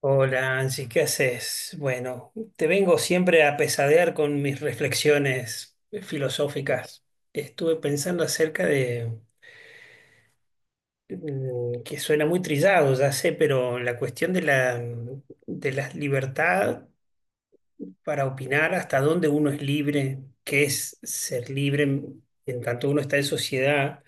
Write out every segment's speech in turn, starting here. Hola, Angie, ¿qué haces? Bueno, te vengo siempre a pesadear con mis reflexiones filosóficas. Estuve pensando acerca de, que suena muy trillado, ya sé, pero la cuestión de la, de la libertad para opinar hasta dónde uno es libre, qué es ser libre en tanto uno está en sociedad.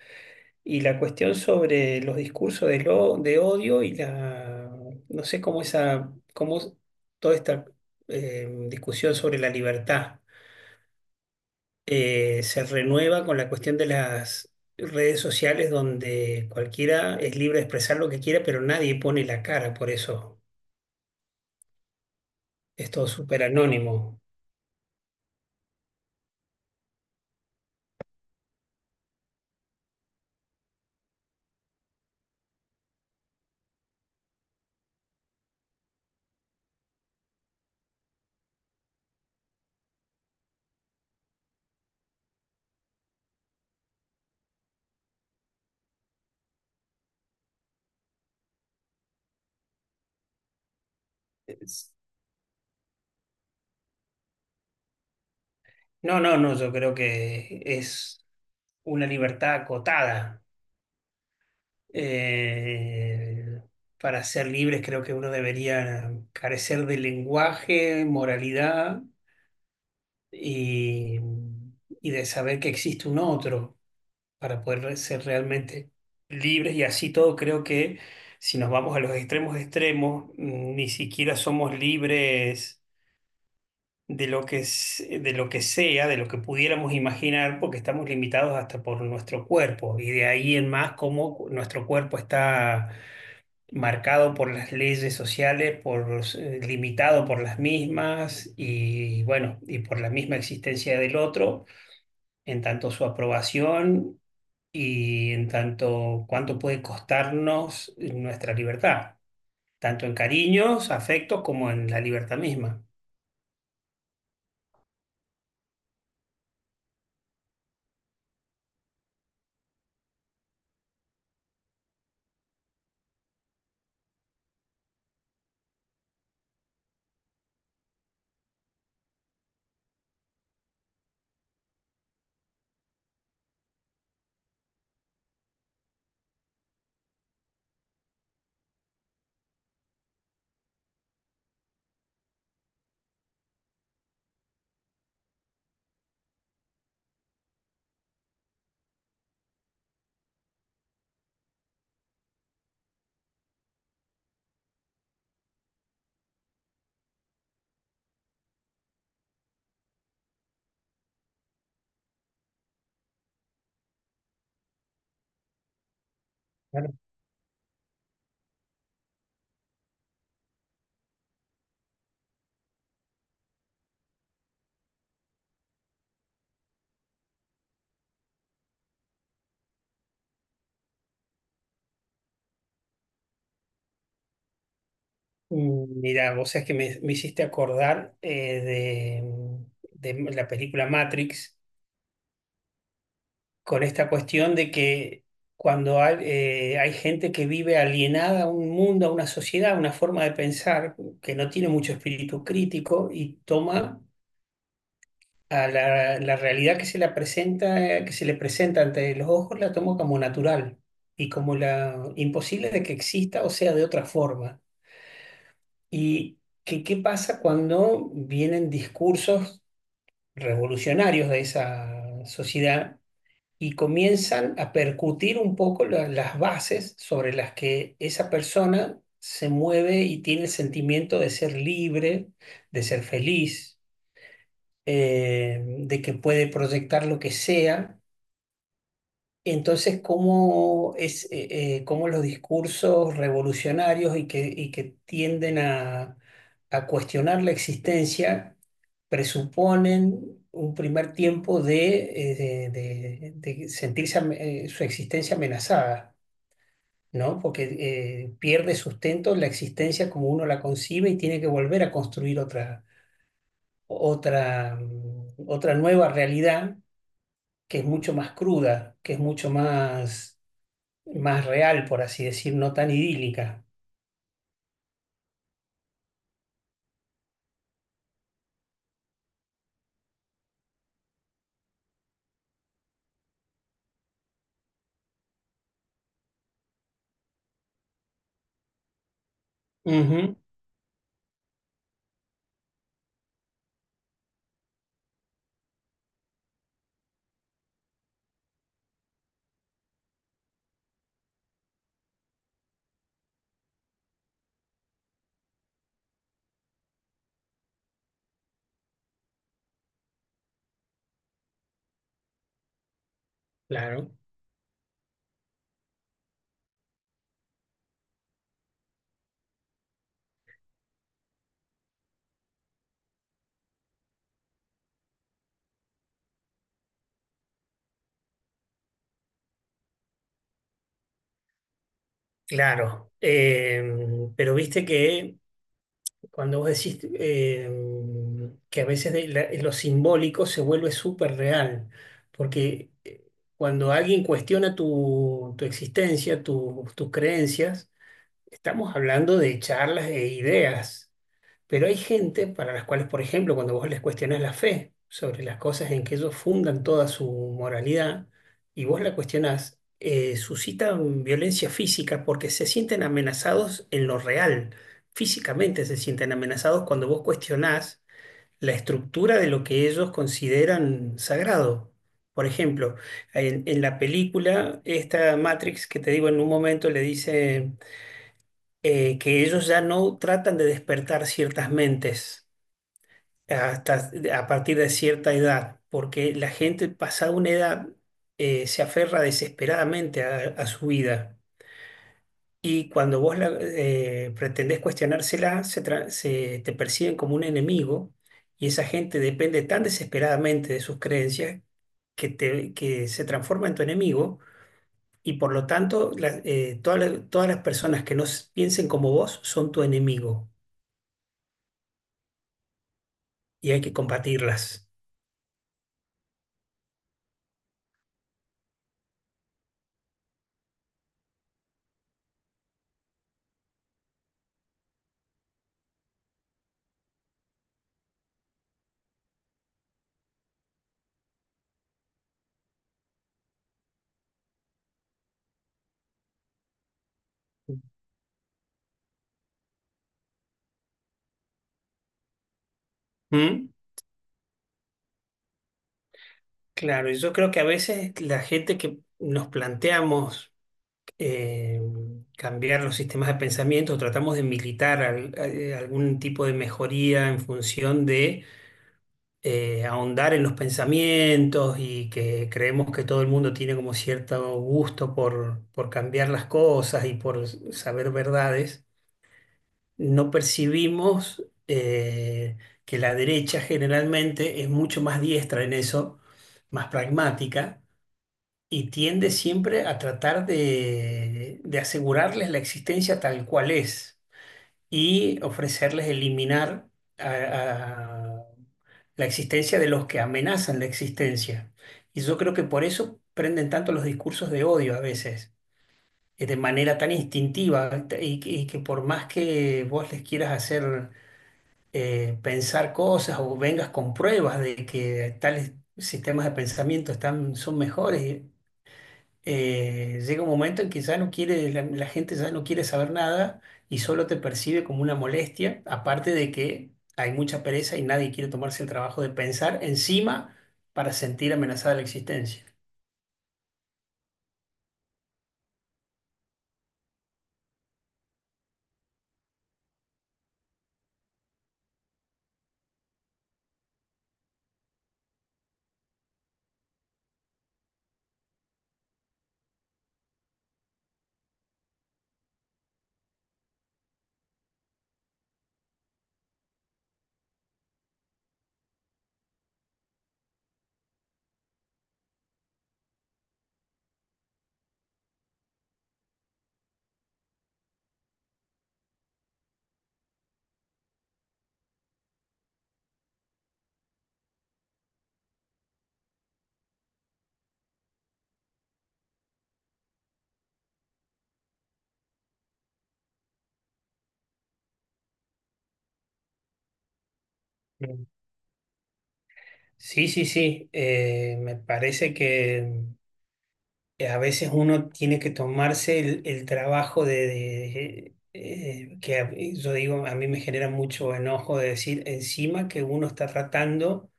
Y la cuestión sobre los discursos de, de odio y la, no sé cómo esa, cómo toda esta discusión sobre la libertad se renueva con la cuestión de las redes sociales donde cualquiera es libre de expresar lo que quiera, pero nadie pone la cara por eso. Es todo súper anónimo. No, no, no, yo creo que es una libertad acotada. Eh, para ser libres creo que uno debería carecer de lenguaje, moralidad y, y de saber que existe un otro para poder ser realmente libres y así todo creo que si nos vamos a los extremos extremos, ni siquiera somos libres de lo que, de lo que sea, de lo que pudiéramos imaginar, porque estamos limitados hasta por nuestro cuerpo y de ahí en más cómo nuestro cuerpo está marcado por las leyes sociales, por, los, limitado por las mismas y bueno, y por la misma existencia del otro, en tanto su aprobación y en tanto cuánto puede costarnos nuestra libertad, tanto en cariños, afectos como en la libertad misma. Claro. Mira, vos sabés que me hiciste acordar de la película Matrix con esta cuestión de que cuando hay, hay gente que vive alienada a un mundo, a una sociedad, a una forma de pensar que no tiene mucho espíritu crítico y toma a la, la realidad que se la presenta, que se le presenta ante los ojos, la toma como natural y como la imposible de que exista o sea de otra forma. ¿Y qué, qué pasa cuando vienen discursos revolucionarios de esa sociedad? Y comienzan a percutir un poco las bases sobre las que esa persona se mueve y tiene el sentimiento de ser libre, de ser feliz, de que puede proyectar lo que sea entonces, ¿cómo es, cómo los discursos revolucionarios y que tienden a cuestionar la existencia presuponen un primer tiempo de, de sentirse su existencia amenazada, ¿no? Porque pierde sustento la existencia como uno la concibe y tiene que volver a construir otra, otra, otra nueva realidad que es mucho más cruda, que es mucho más más real, por así decir, no tan idílica. Ujú, claro, claro. Pero viste que cuando vos decís que a veces de lo simbólico se vuelve súper real, porque cuando alguien cuestiona tu, tu existencia, tus creencias, estamos hablando de charlas e ideas. Pero hay gente para las cuales, por ejemplo, cuando vos les cuestionás la fe sobre las cosas en que ellos fundan toda su moralidad y vos la cuestionás, suscitan violencia física porque se sienten amenazados en lo real. Físicamente se sienten amenazados cuando vos cuestionás la estructura de lo que ellos consideran sagrado. Por ejemplo, en la película, esta Matrix que te digo en un momento le dice que ellos ya no tratan de despertar ciertas mentes hasta a partir de cierta edad, porque la gente pasada una edad se aferra desesperadamente a su vida y cuando vos la, pretendés cuestionársela, se, se te perciben como un enemigo y esa gente depende tan desesperadamente de sus creencias que, te, que se transforma en tu enemigo. Y por lo tanto, todas las personas que no s- piensen como vos son tu enemigo y hay que combatirlas. ¿Mm? Claro, y yo creo que a veces la gente que nos planteamos eh, cambiar los sistemas de pensamiento, tratamos de militar algún tipo de mejoría en función de ahondar en los pensamientos y que creemos que todo el mundo tiene como cierto gusto por cambiar las cosas y por saber verdades, no percibimos que la derecha generalmente es mucho más diestra en eso, más pragmática y tiende siempre a tratar de asegurarles la existencia tal cual es y ofrecerles eliminar a la existencia de los que amenazan la existencia. Y yo creo que por eso prenden tanto los discursos de odio a veces, de manera tan instintiva y que por más que vos les quieras hacer pensar cosas o vengas con pruebas de que tales sistemas de pensamiento están, son mejores, llega un momento en que ya no quiere, la gente ya no quiere saber nada y solo te percibe como una molestia, aparte de que hay mucha pereza y nadie quiere tomarse el trabajo de pensar encima para sentir amenazada la existencia. Sí, sí, sí. Me parece que a veces uno tiene que tomarse el trabajo de, que yo digo, a mí me genera mucho enojo de decir encima que uno está tratando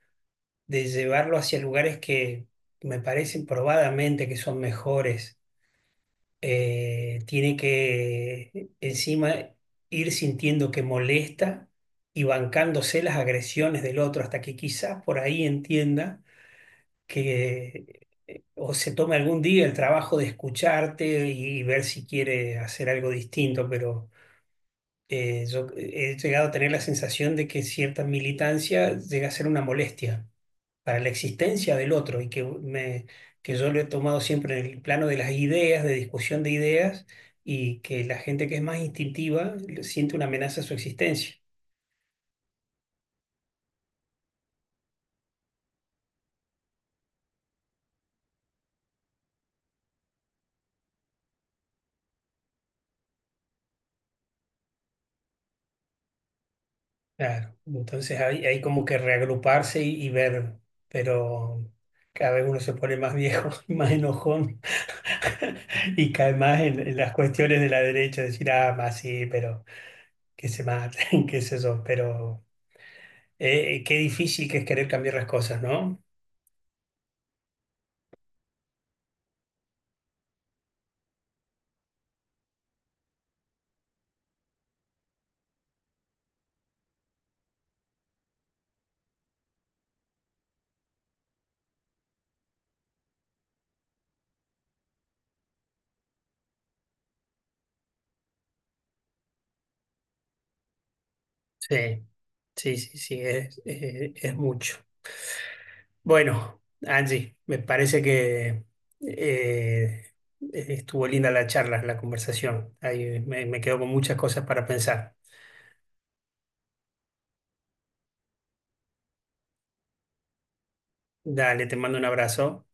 de llevarlo hacia lugares que me parecen probadamente que son mejores. Tiene que encima ir sintiendo que molesta y bancándose las agresiones del otro hasta que quizás por ahí entienda que o se tome algún día el trabajo de escucharte y ver si quiere hacer algo distinto, pero yo he llegado a tener la sensación de que cierta militancia llega a ser una molestia para la existencia del otro y que, me, que yo lo he tomado siempre en el plano de las ideas, de discusión de ideas, y que la gente que es más instintiva siente una amenaza a su existencia. Claro, entonces hay como que reagruparse y ver, pero cada vez uno se pone más viejo, y más enojón. Y cae más en las cuestiones de la derecha, decir, ah, más sí, pero que se maten, qué sé yo, pero qué difícil que es querer cambiar las cosas, ¿no? Sí, sí, sí, sí, es mucho. Bueno, Angie, me parece que eh, estuvo linda la charla, la conversación. Ahí me, me quedo con muchas cosas para pensar. Dale, te mando un abrazo.